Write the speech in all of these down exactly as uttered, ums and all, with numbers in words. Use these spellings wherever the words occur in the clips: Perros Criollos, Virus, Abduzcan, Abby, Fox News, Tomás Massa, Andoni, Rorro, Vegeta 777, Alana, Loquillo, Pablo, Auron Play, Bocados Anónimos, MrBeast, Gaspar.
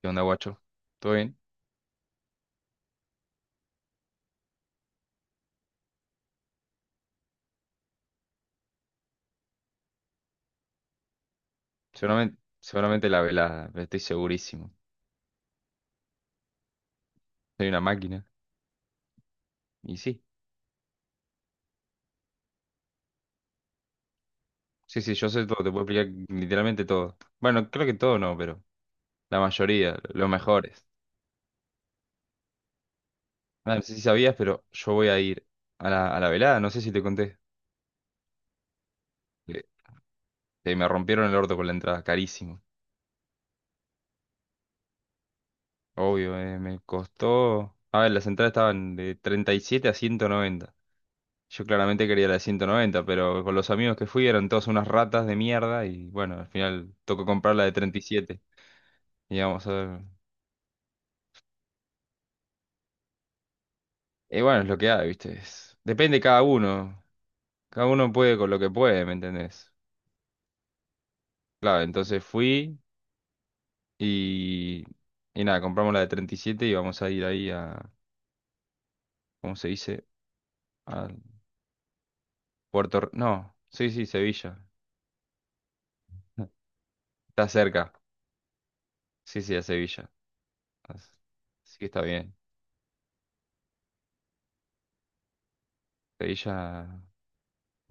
¿Qué onda, guacho? ¿Todo bien? Seguramente, seguramente la velada, pero estoy segurísimo. Soy una máquina. Y sí, sí, sí, yo sé todo, te puedo explicar literalmente todo. Bueno, creo que todo no, pero la mayoría, los mejores. Ah, no sé si sabías, pero yo voy a ir a la, a la velada, no sé si te conté. Que, que me rompieron el orto con la entrada, carísimo. Obvio, eh, me costó... A ver, las entradas estaban de treinta y siete a ciento noventa. Yo claramente quería la de ciento noventa, pero con los amigos que fui eran todas unas ratas de mierda y bueno, al final tocó comprar la de treinta y siete. Y siete. Y vamos a ver. Y bueno, es lo que hay, ¿viste? Es- Depende de cada uno. Cada uno puede con lo que puede, ¿me entendés? Claro, entonces fui y... Y nada, compramos la de treinta y siete y siete y vamos a ir ahí a... ¿Cómo se dice? A Puerto... Re- No, sí, sí, Sevilla. Está cerca. Sí, sí, a Sevilla. As- Así que está bien. Sevilla,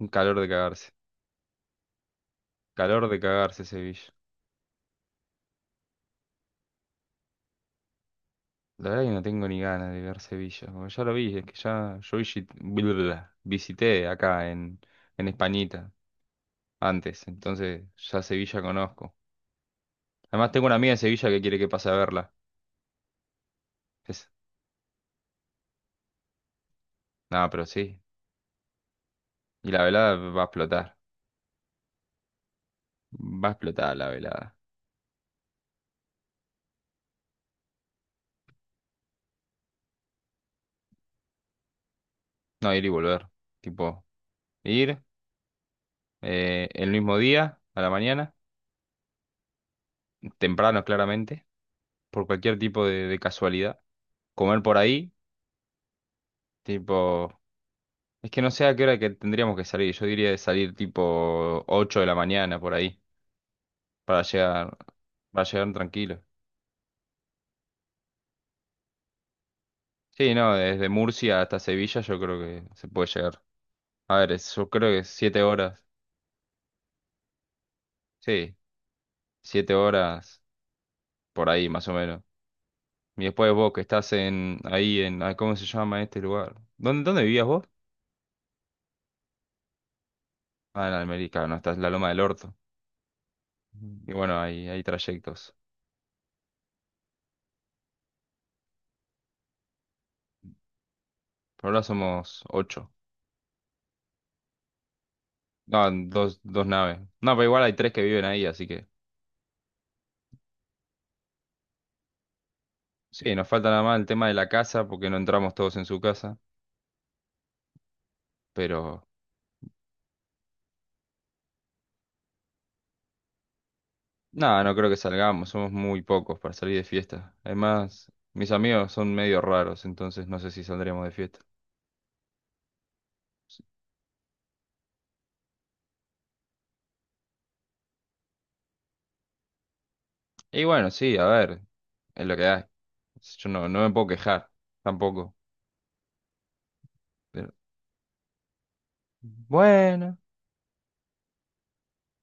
un calor de cagarse. Calor de cagarse Sevilla. La verdad que no tengo ni ganas de ver Sevilla. Como ya lo vi, es que ya yo visi- blablabla, visité acá en, en Españita antes. Entonces ya Sevilla conozco. Además tengo una amiga de Sevilla que quiere que pase a verla. Es, no, pero sí. Y la velada va a explotar. Va a explotar la velada. No, ir y volver. Tipo, ir eh, el mismo día, a la mañana, temprano claramente, por cualquier tipo de de casualidad. Comer por ahí, tipo... Es que no sé a qué hora que tendríamos que salir. Yo diría de salir tipo ocho de la mañana por ahí, para llegar, para llegar tranquilo. Sí, no, desde Murcia hasta Sevilla yo creo que se puede llegar. A ver, es- yo creo que siete horas. Sí, siete horas por ahí más o menos. Y después vos que estás en ahí en ah, ¿cómo se llama este lugar? ¿Dónde, dónde vivías vos? Ah, en Almerica, no, estás en la Loma del Orto. Y bueno, hay, hay trayectos. Por ahora somos ocho. No, dos, dos naves. No, pero igual hay tres que viven ahí, así que. Sí, nos falta nada más el tema de la casa, porque no entramos todos en su casa, pero nada, no creo que salgamos, somos muy pocos para salir de fiesta. Además, mis amigos son medio raros, entonces no sé si saldremos de fiesta. Sí. Y bueno, sí, a ver, es lo que hay. Yo no, no me puedo quejar, tampoco. Pero, bueno,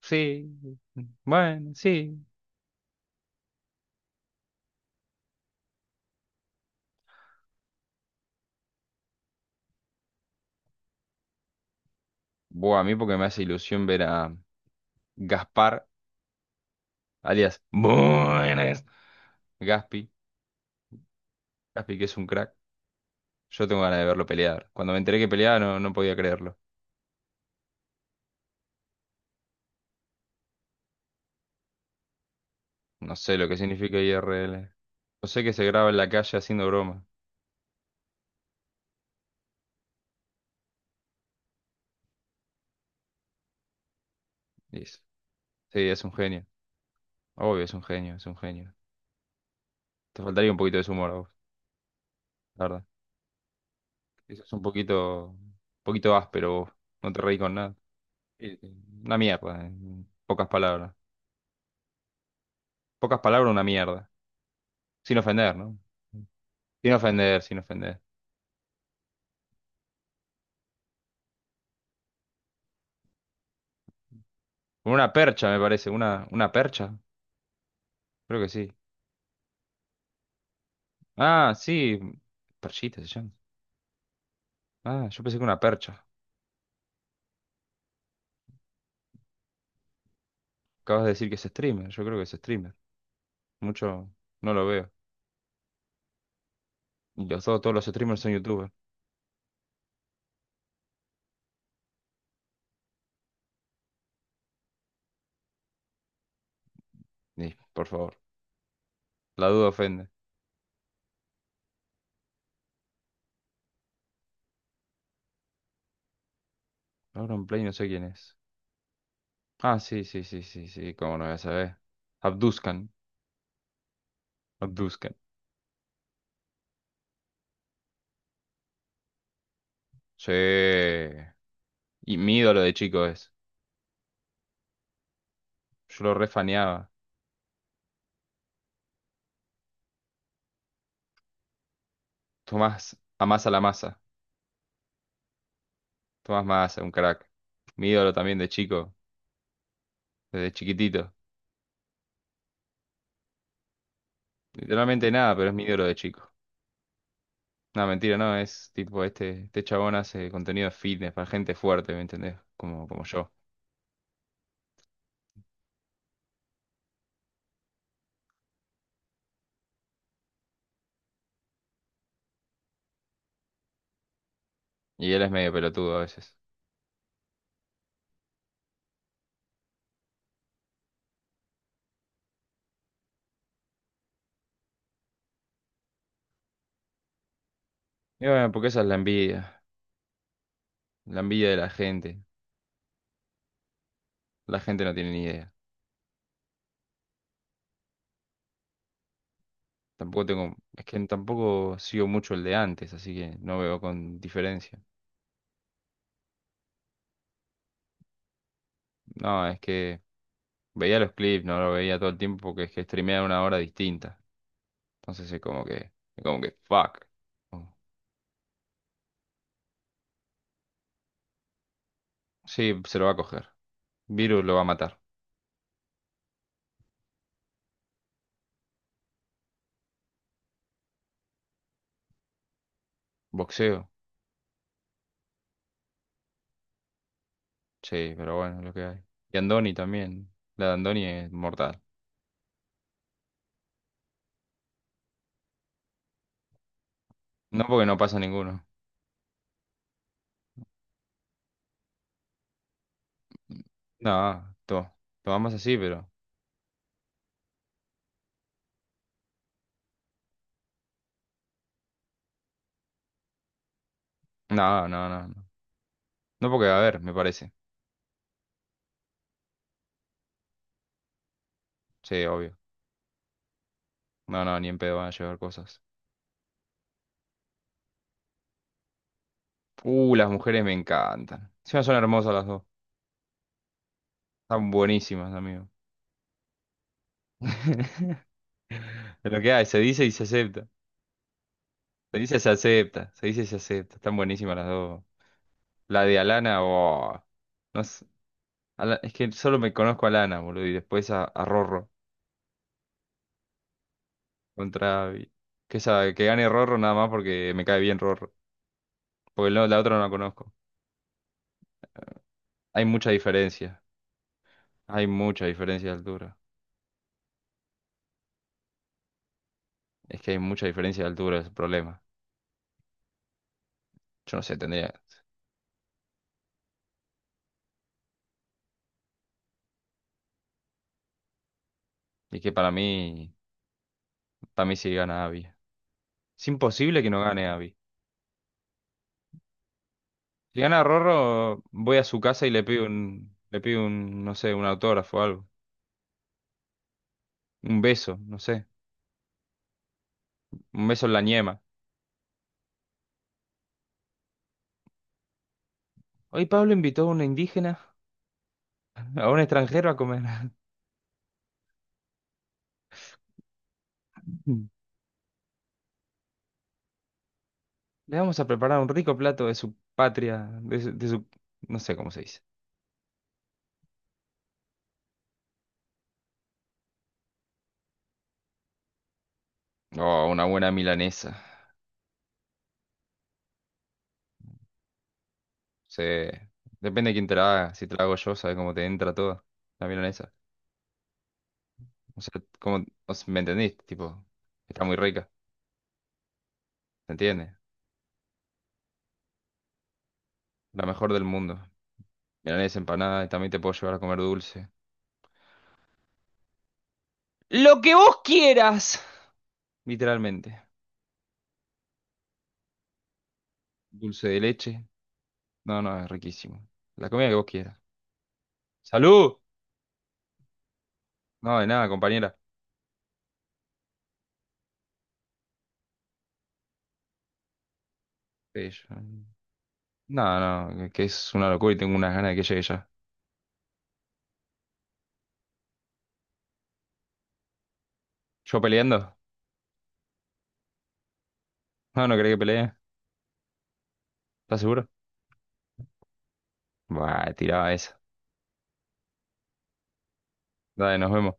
sí, bueno, sí. Buah, a mí porque me hace ilusión ver a Gaspar, alias Buenas, Gaspi, Gaspi que es un crack. Yo tengo ganas de verlo pelear. Cuando me enteré que peleaba no, no podía creerlo. No sé lo que significa I R L. No sé que se graba en la calle haciendo broma. Dice. Sí, es un genio. Obvio, es un genio, es un genio. Te faltaría un poquito de su humor a vos, la verdad. Eso es un poquito, un poquito áspero vos. No te reís con nada. Sí, sí. Una mierda, en pocas palabras. Pocas palabras, una mierda. Sin ofender, ¿no? Sin ofender, sin ofender. Con una percha, me parece. Una, una percha. Creo que sí. Ah, sí. Perchita se llama. Ah, yo pensé que una percha. Acabas de decir que es streamer. Yo creo que es streamer. Mucho no lo veo. Y los- todos, todos los streamers son youtubers. Y, por favor. La duda ofende. Auron Play no sé quién es. Ah, sí, sí, sí, sí, sí. Cómo no voy a saber. Abduzcan. Abduzcan. Sí. Y mi ídolo de chico es. Yo lo refaneaba. Tomás Amasa la masa. Tomás Massa, un crack. Mi ídolo también de chico. Desde chiquitito. Literalmente nada, pero es mi ídolo de chico. No, mentira, no, es tipo este, este chabón hace contenido fitness para gente fuerte, ¿me entendés? Como, como yo. Y él es medio pelotudo a veces. Y bueno, porque esa es la envidia, la envidia de la gente. La gente no tiene ni idea. Tampoco tengo, es que tampoco sigo mucho el de antes, así que no veo con diferencia. No, es que veía los clips, no lo veía todo el tiempo porque es que streamean una hora distinta. Entonces es como que, es como que, fuck. Sí, se lo va a coger. Virus lo va a matar. Boxeo. Sí, pero bueno, lo que hay. Y Andoni también. La de Andoni es mortal. No porque no pasa ninguno. No, to, tomamos así, pero. No, no, no, no. No porque, a ver, me parece. Sí, obvio. No, no, ni en pedo van a llevar cosas. Uh, las mujeres me encantan. Encima son hermosas las dos. Están buenísimas, amigo. Es lo que hay, se dice y se acepta. Se dice, se acepta. Se dice, se acepta. Están buenísimas las dos. La de Alana, oh. No sé. A la- es que solo me conozco a Lana, boludo, y después a, a Rorro contra... Vi- Que, esa, que gane Rorro nada más porque me cae bien Rorro. Porque no, la otra no la conozco. Hay mucha diferencia. Hay mucha diferencia de altura. Es que hay mucha diferencia de altura, es el problema. Yo no sé, tendría. Y que para mí, para mí sí gana Abby. Es imposible que no gane Abby. Si gana Rorro, voy a su casa y le pido un, le pido un, no sé, un autógrafo o algo. Un beso, no sé. Un beso en la ñema. Hoy Pablo invitó a una indígena. A un extranjero a comer. Le vamos a preparar un rico plato de su patria, de su, de su- no sé cómo se dice. Oh, una buena milanesa. Sí. Depende de quién te la haga. Si te la hago yo, sabes cómo te entra toda la milanesa. O sea, cómo, o sea, ¿me entendiste? Tipo, está muy rica, ¿te entiendes? La mejor del mundo. Milanesa empanada y también te puedo llevar a comer dulce. Lo que vos quieras. Literalmente. Dulce de leche. No, no, es riquísimo. La comida que vos quieras. ¡Salud! No, de nada, compañera. Sí, yo- No, no, que es una locura y tengo unas ganas de que llegue ya. ¿Yo peleando? No, no querés que pelee. ¿Estás seguro? Buah, tiraba esa. Dale, nos vemos.